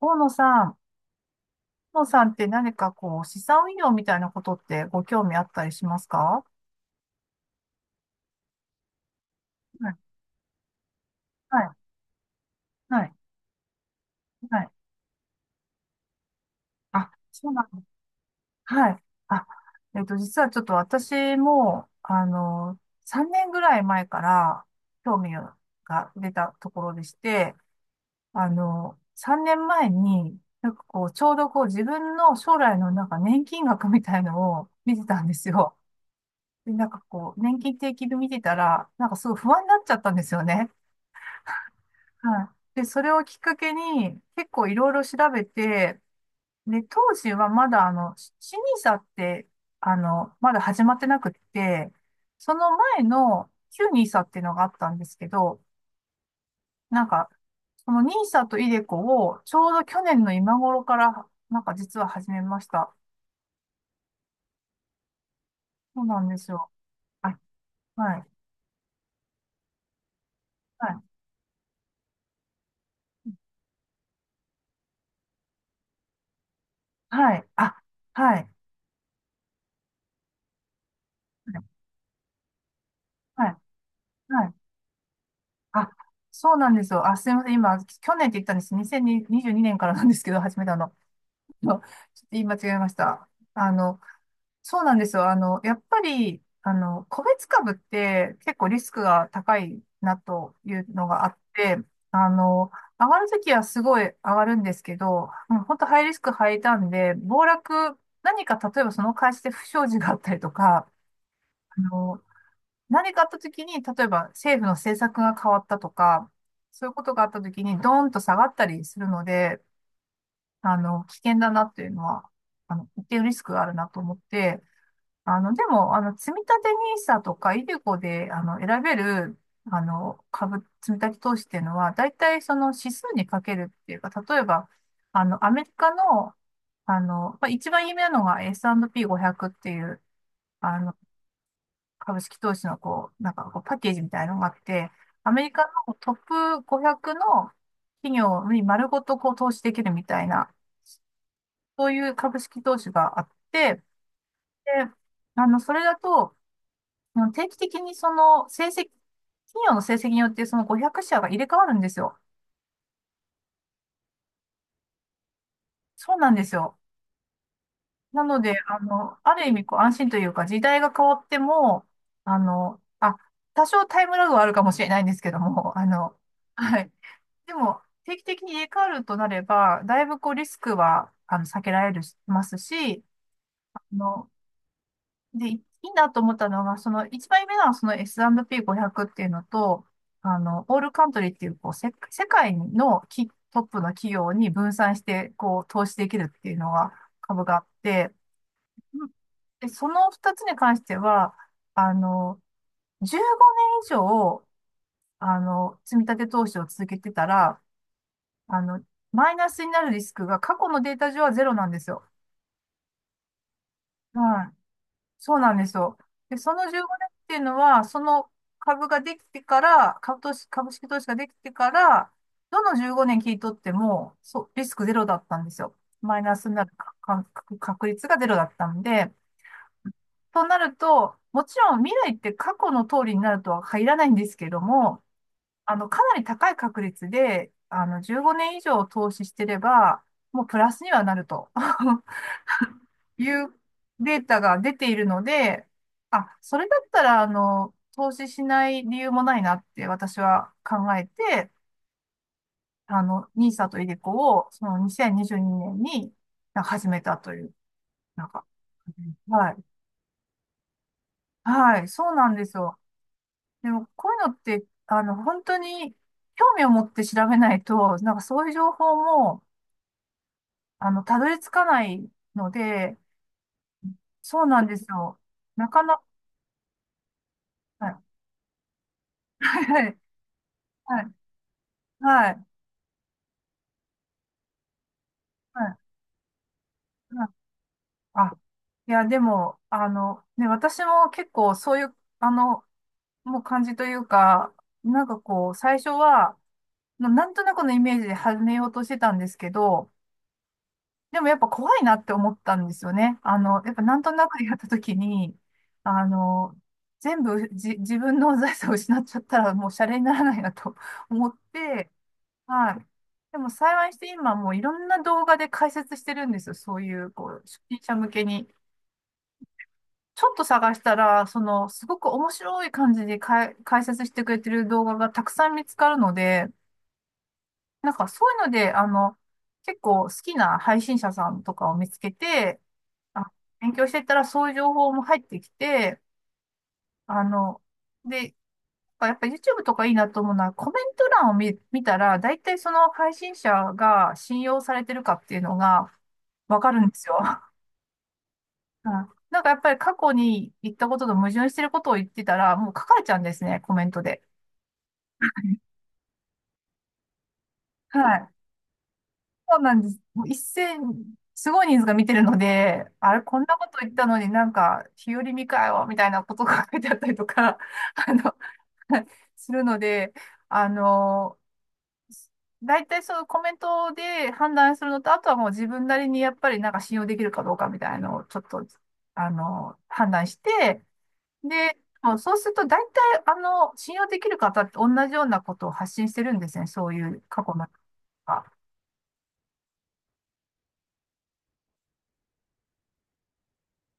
大野さん、大野さんって、何かこう、資産運用みたいなことってご興味あったりしますか？はい、はい、はい、はい。あ、そうなんです。はい。あ、実はちょっと私も、3年ぐらい前から興味が出たところでして、3年前に、なんかこう、ちょうどこう、自分の将来のなんか年金額みたいのを見てたんですよ。で、なんかこう、年金定期で見てたら、なんかすごい不安になっちゃったんですよね。はい。で、それをきっかけに、結構いろいろ調べて、で、当時はまだ、し n i って、まだ始まってなくって、その前の旧ニーサっていうのがあったんですけど、なんか、そのニーサとイデコを、ちょうど去年の今頃から、なんか実は始めました。そうなんですよ。あ、はい。はい。はい。あ、はい。はい。はい。はい。あ、そうなんですよ。あ、すみません。今、去年って言ったんです。2022年からなんですけど、始めたの。のちょっと言い間違えました。あの、そうなんですよ。やっぱり、個別株って結構リスクが高いなというのがあって、あの、上がるときはすごい上がるんですけど、もう本当ハイリスクハイターンで、暴落、何か例えばその会社で不祥事があったりとか、あの、何かあった時に、例えば政府の政策が変わったとか、そういうことがあった時にドーンと下がったりするので、危険だなっていうのは、一定のリスクがあるなと思って、でも、積立 NISA とかイデコで、選べる、株、積立投資っていうのは、大体その指数にかけるっていうか、例えば、アメリカの、まあ、一番有名なのが S&P500 っていう、あの、株式投資のこう、なんかこうパッケージみたいなのがあって、アメリカのトップ500の企業に丸ごとこう投資できるみたいな、そういう株式投資があって、で、それだと、定期的にその成績、企業の成績によってその500社が入れ替わるんですよ。そうなんですよ。なので、ある意味こう安心というか、時代が変わっても、あの、あ、多少タイムラグはあるかもしれないんですけども、はい。でも、定期的に入れ替わるとなれば、だいぶこうリスクは避けられるしますし、あの、で、いいなと思ったのが、その1枚目のその S&P500 っていうのと、オールカントリーっていうこう、世界のトップの企業に分散してこう投資できるっていうのが株があって、うん。で、その2つに関しては、あの、15年以上、積み立て投資を続けてたら、あの、マイナスになるリスクが過去のデータ上はゼロなんですよ。はい。そうなんですよ。で、その15年っていうのは、その株ができてから、株式投資ができてから、どの15年聞い取っても、そう、リスクゼロだったんですよ。マイナスになるか確率がゼロだったんで、となると、もちろん未来って過去の通りになるとは限らないんですけども、かなり高い確率で、15年以上投資してれば、もうプラスにはなると いうデータが出ているので、あ、それだったら、投資しない理由もないなって私は考えて、n i s とイデコを、その2022年にじゅうにねんになんか始めたという、なんか、はい。はい、そうなんですよ。でも、こういうのって、本当に興味を持って調べないと、なんかそういう情報も、たどり着かないので、そうなんですよ。なかなか、はい、はい、はい、はい、はい。はい。あ、いや、でも、ね、私も結構そういう、あの、もう感じというか、なんかこう、最初は、なんとなくのイメージで始めようとしてたんですけど、でもやっぱ怖いなって思ったんですよね。やっぱなんとなくやった時に、あの、全部、自分の財産を失っちゃったらもうシャレにならないなと思って、はい。でも幸いして今もういろんな動画で解説してるんですよ。そういう、こう、初心者向けに。ちょっと探したら、その、すごく面白い感じでかい解説してくれてる動画がたくさん見つかるので、なんかそういうので、結構好きな配信者さんとかを見つけて、あ、勉強していったらそういう情報も入ってきて、あの、で、あ、やっぱ YouTube とかいいなと思うのは、コメント欄を見たら、大体その配信者が信用されてるかっていうのがわかるんですよ。うん、なんかやっぱり過去に言ったことと矛盾してることを言ってたら、もう書かれちゃうんですね、コメントで。はい。そうなんです。もう一斉に、すごい人数が見てるので、あれ、こんなこと言ったのになんか、日和見かよ、みたいなことが書いてあったりとか、あの、するので、あの、大体そのコメントで判断するのと、あとはもう自分なりにやっぱりなんか信用できるかどうかみたいなのをちょっと、判断して、で、もうそうすると大体信用できる方って同じようなことを発信してるんですね。そういう過去の。あ、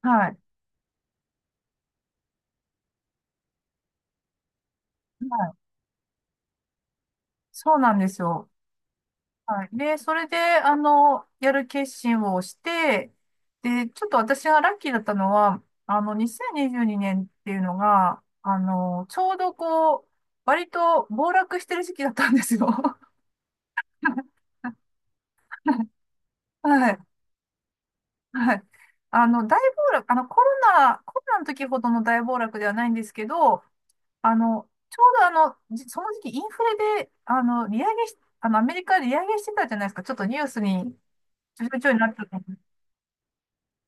はい。はい。そうなんですよ。はい。で、それで、やる決心をして、で、ちょっと私がラッキーだったのは、2022年っていうのが、ちょうどこう、割と暴落してる時期だったんですよ。はい。はい。大暴落、コロナの時ほどの大暴落ではないんですけど、ちょうどその時期インフレで、利上げし、アメリカで利上げしてたじゃないですか。ちょっとニュースに、ちょいちょいなってた。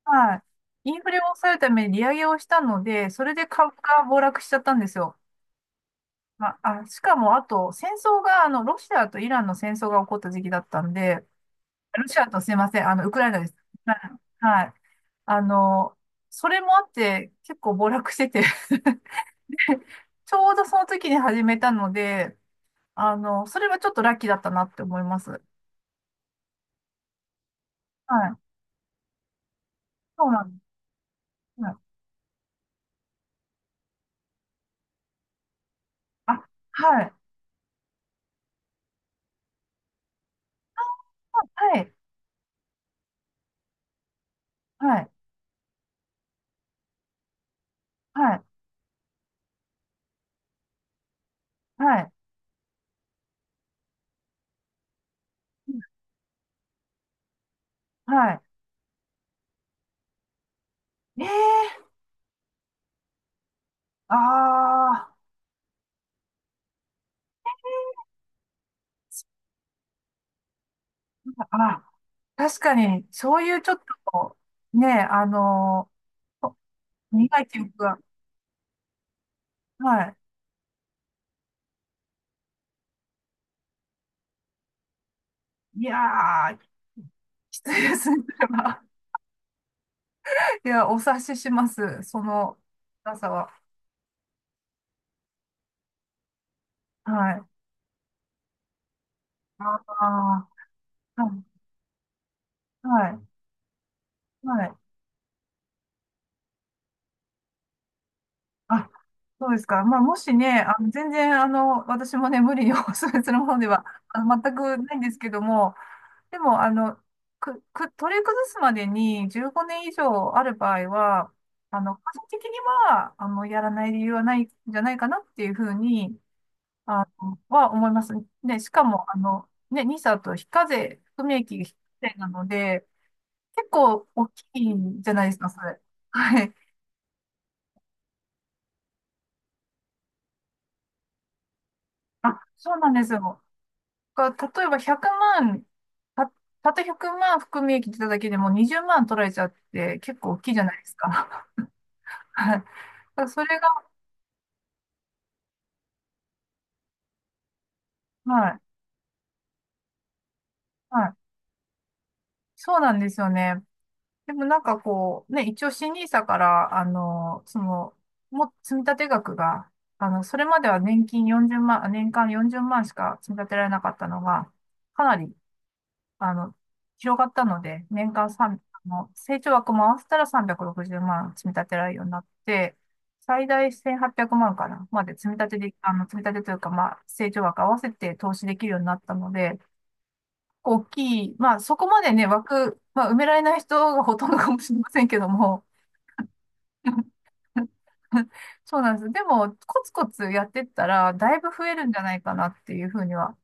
はい。インフレを抑えるために利上げをしたので、それで株が暴落しちゃったんですよ。まあ、あ、しかも、あと、戦争が、ロシアとイランの戦争が起こった時期だったんで、ロシアとすいません、ウクライナです。はい。はい。あの、それもあって、結構暴落してて ちょうどその時に始めたので、それはちょっとラッキーだったなって思います。はい。そうなんです。はい。あ、はい。はい。はい。はい。はい。はい。はい。ええ。ああ、あ、確かに、そういうちょっと、ねえ、お苦い記憶が、はい。いやー、きついですね、それは。いや、お察しします、その辛さは。はい。ああ、はい、はい、はい。あ、そうですか。まあ、もしね、全然、私もね、無理にお勧めするものでは、全くないんですけども、でも、取り崩すまでに15年以上ある場合は、個人的には、やらない理由はないんじゃないかなっていうふうに、は思います。ね、しかも、ね、ニ i s と非課税、含み益が非課税なので、結構大きいんじゃないですか、それ。はい。あ、そうなんですよ。が例えば100万、た、たった100万含み益出ただけでも20万取られちゃって結構大きいじゃないですか。はい。だからそれが、はい。はい。そうなんですよね。でもなんかこう、ね、一応新入社から、その、積立額が、それまでは年金40万、あ、年間40万しか積み立てられなかったのが、かなり、あの、広がったので、年間3、成長額も合わせたら360万積み立てられるようになって、最大1800万かな、まで積み立てで、積み立てというか、まあ、成長額合わせて投資できるようになったので、構大きい。まあ、そこまでね、枠、まあ、埋められない人がほとんどかもしれませんけども。そうなんです。でも、コツコツやってったら、だいぶ増えるんじゃないかなっていうふうには、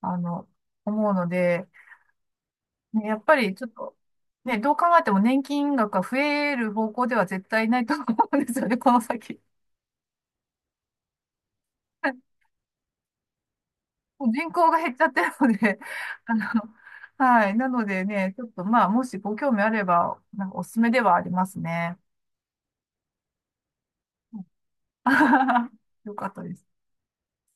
あの、思うので、ね、やっぱりちょっと、ね、どう考えても年金額が増える方向では絶対ないと思うんですよね、この先。もう人口が減っちゃってるので、あの、はい。なのでね、ちょっとまあ、もしご興味あれば、なんかおすすめではありますね。あははは、よかったです。